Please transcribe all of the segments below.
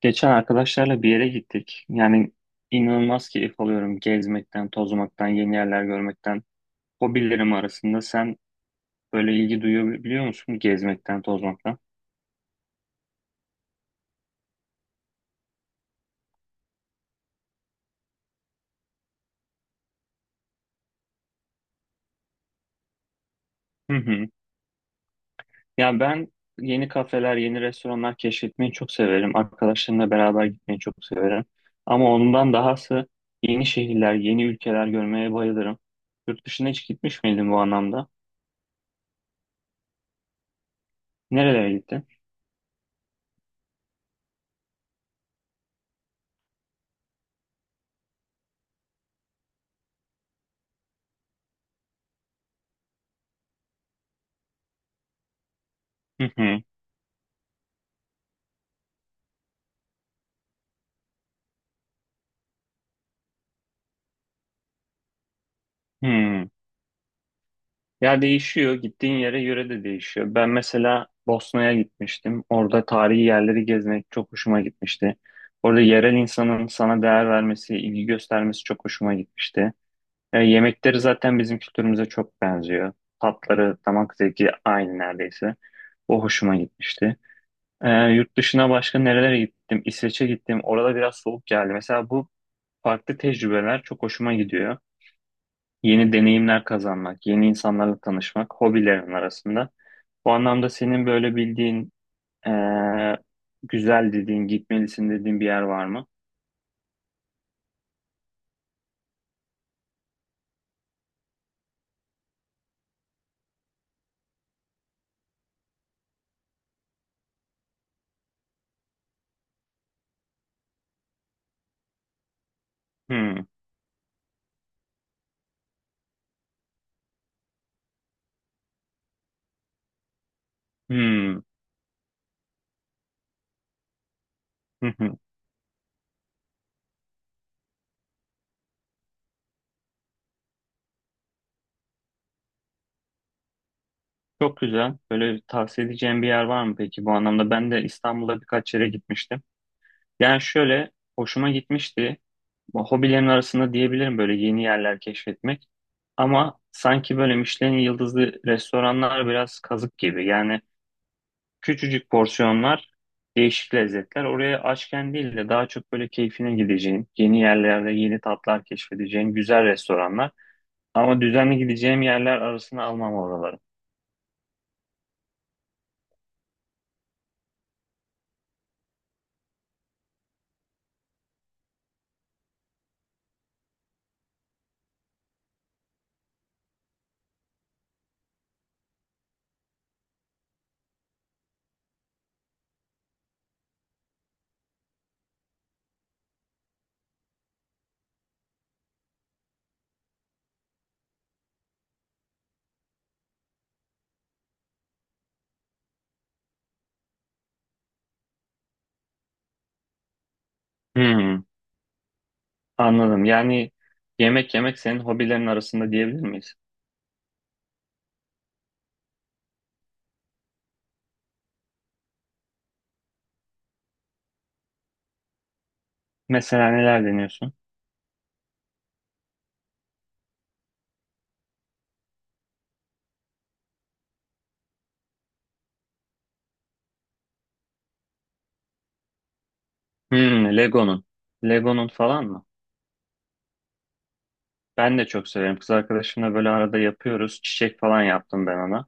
Geçen arkadaşlarla bir yere gittik. Yani inanılmaz keyif alıyorum gezmekten, tozmaktan, yeni yerler görmekten. Hobilerim arasında sen böyle ilgi duyabiliyor musun gezmekten, tozmaktan? Hı hı. Ya ben yeni kafeler, yeni restoranlar keşfetmeyi çok severim. Arkadaşlarımla beraber gitmeyi çok severim. Ama ondan dahası yeni şehirler, yeni ülkeler görmeye bayılırım. Yurt dışına hiç gitmiş miydin bu anlamda? Nerelere gittin? Hı hı. Hı. Ya değişiyor. Gittiğin yere göre de değişiyor. Ben mesela Bosna'ya gitmiştim. Orada tarihi yerleri gezmek çok hoşuma gitmişti. Orada yerel insanın sana değer vermesi, ilgi göstermesi çok hoşuma gitmişti. E, yemekleri zaten bizim kültürümüze çok benziyor. Tatları, damak zevki aynı neredeyse. O hoşuma gitmişti. E, yurt dışına başka nerelere gittim? İsveç'e gittim. Orada biraz soğuk geldi. Mesela bu farklı tecrübeler çok hoşuma gidiyor, yeni deneyimler kazanmak, yeni insanlarla tanışmak hobilerin arasında. Bu anlamda senin böyle bildiğin, eee, güzel dediğin, gitmelisin dediğin bir yer var mı? Hmm, hmm, hı hı. Çok güzel. Böyle tavsiye edeceğim bir yer var mı peki bu anlamda? Ben de İstanbul'a birkaç yere gitmiştim. Yani şöyle, hoşuma gitmişti. Bu hobilerin arasında diyebilirim böyle yeni yerler keşfetmek. Ama sanki böyle Michelin yıldızlı restoranlar biraz kazık gibi. Yani küçücük porsiyonlar, değişik lezzetler. Oraya açken değil de daha çok böyle keyfine gideceğin, yeni yerlerde yeni tatlar keşfedeceğin güzel restoranlar. Ama düzenli gideceğim yerler arasına almam oraları. Hmm, anladım. Yani yemek yemek senin hobilerin arasında diyebilir miyiz? Mesela neler deniyorsun? Hmm, Lego'nun. Lego'nun falan mı? Ben de çok severim. Kız arkadaşımla böyle arada yapıyoruz. Çiçek falan yaptım ben ona.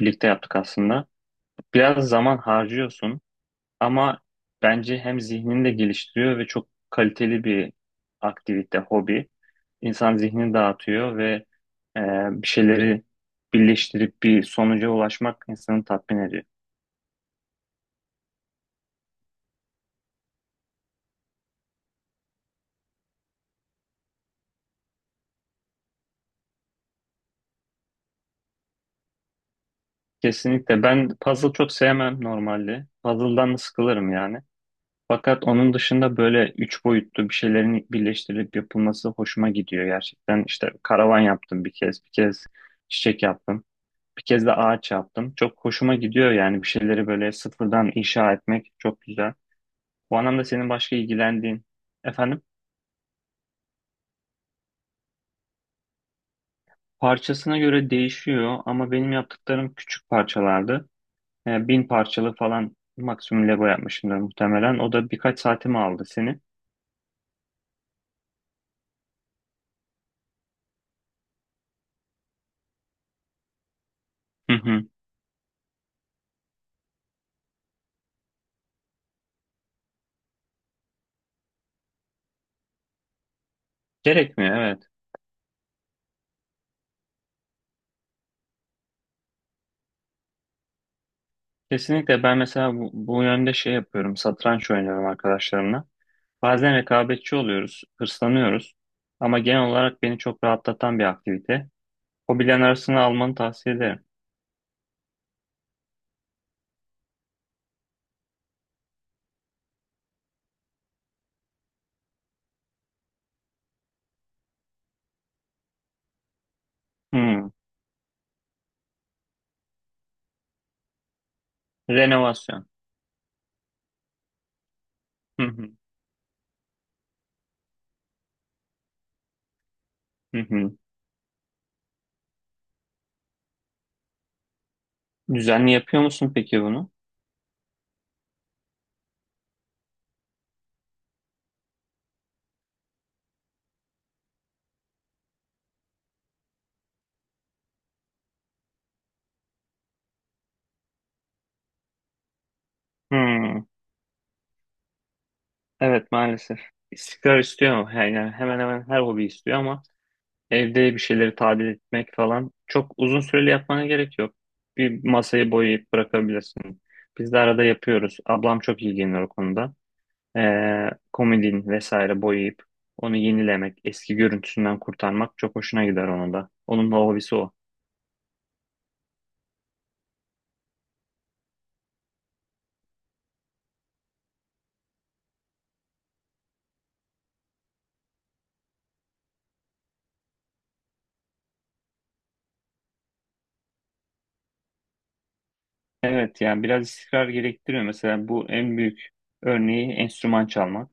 Birlikte yaptık aslında. Biraz zaman harcıyorsun. Ama bence hem zihnini de geliştiriyor ve çok kaliteli bir aktivite, hobi. İnsan zihnini dağıtıyor ve e, bir şeyleri birleştirip bir sonuca ulaşmak insanı tatmin ediyor. Kesinlikle. Ben puzzle çok sevmem normalde. Puzzle'dan da sıkılırım yani. Fakat onun dışında böyle üç boyutlu bir şeylerin birleştirilip yapılması hoşuma gidiyor gerçekten. İşte karavan yaptım bir kez, bir kez çiçek yaptım. Bir kez de ağaç yaptım. Çok hoşuma gidiyor yani, bir şeyleri böyle sıfırdan inşa etmek çok güzel. Bu anlamda senin başka ilgilendiğin, efendim, parçasına göre değişiyor ama benim yaptıklarım küçük parçalardı. Yani bin parçalı falan maksimum Lego yapmışımdır muhtemelen. O da birkaç saatimi aldı seni. Hı hı. Gerekmiyor evet. Kesinlikle ben mesela bu yönde şey yapıyorum. Satranç oynuyorum arkadaşlarımla. Bazen rekabetçi oluyoruz, hırslanıyoruz. Ama genel olarak beni çok rahatlatan bir aktivite. Hobilerin arasına almanı tavsiye ederim. Hmm. Renovasyon. Hı hı. Hı hı. Düzenli yapıyor musun peki bunu? Hmm. Evet maalesef. İstikrar istiyor ama, yani hemen hemen her hobi istiyor ama evde bir şeyleri tadil etmek falan çok uzun süreli yapmana gerek yok. Bir masayı boyayıp bırakabilirsin. Biz de arada yapıyoruz. Ablam çok ilgileniyor o konuda. Komodin vesaire boyayıp onu yenilemek, eski görüntüsünden kurtarmak çok hoşuna gider onun da. Onun da hobisi o. Evet yani biraz istikrar gerektiriyor. Mesela bu en büyük örneği enstrüman çalmak.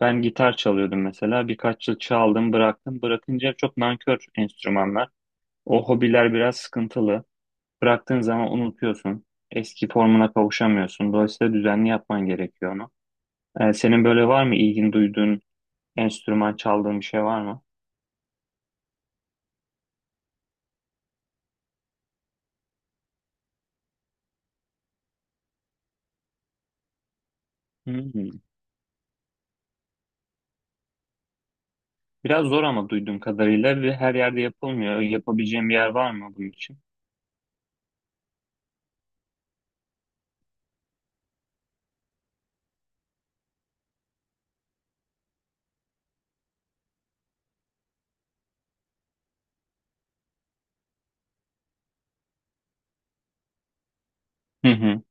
Ben gitar çalıyordum mesela. Birkaç yıl çaldım bıraktım. Bırakınca çok nankör enstrümanlar. O hobiler biraz sıkıntılı. Bıraktığın zaman unutuyorsun. Eski formuna kavuşamıyorsun. Dolayısıyla düzenli yapman gerekiyor onu. Senin böyle var mı ilgin duyduğun enstrüman çaldığın bir şey var mı? Hmm. Biraz zor ama duyduğum kadarıyla, ve her yerde yapılmıyor. Yapabileceğim bir yer var mı bunun için? Hı hı.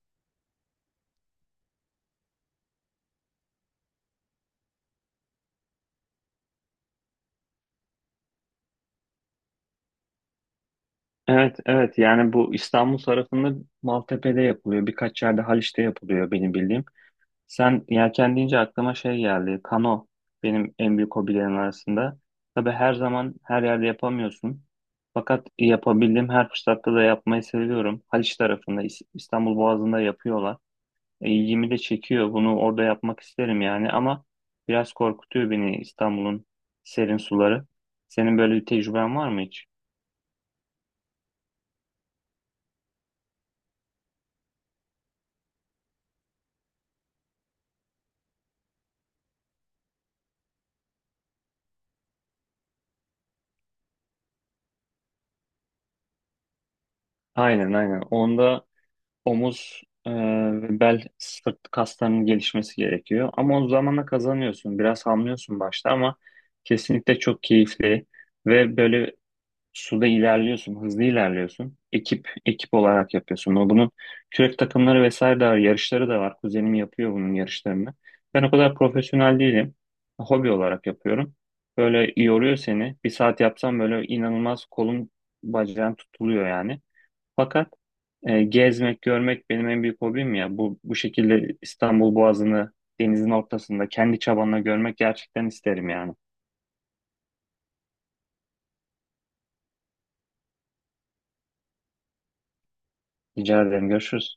Evet, evet. Yani bu İstanbul tarafında Maltepe'de yapılıyor. Birkaç yerde Haliç'te yapılıyor benim bildiğim. Sen yelken deyince aklıma şey geldi. Kano benim en büyük hobilerim arasında. Tabii her zaman her yerde yapamıyorsun. Fakat yapabildiğim her fırsatta da yapmayı seviyorum. Haliç tarafında İstanbul Boğazı'nda yapıyorlar. E, ilgimi de çekiyor. Bunu orada yapmak isterim yani, ama biraz korkutuyor beni İstanbul'un serin suları. Senin böyle bir tecrüben var mı hiç? Aynen aynen. Onda omuz ve bel sırt kaslarının gelişmesi gerekiyor. Ama o zamanla kazanıyorsun. Biraz hamlıyorsun başta ama kesinlikle çok keyifli ve böyle suda ilerliyorsun, hızlı ilerliyorsun. Ekip ekip olarak yapıyorsun. O bunun kürek takımları vesaire de var, yarışları da var. Kuzenim yapıyor bunun yarışlarını. Ben o kadar profesyonel değilim. Hobi olarak yapıyorum. Böyle yoruyor seni. Bir saat yapsam böyle inanılmaz kolun bacağın tutuluyor yani. Fakat gezmek, görmek benim en büyük hobim ya. bu şekilde İstanbul Boğazı'nı denizin ortasında kendi çabanla görmek gerçekten isterim yani. Rica ederim. Görüşürüz.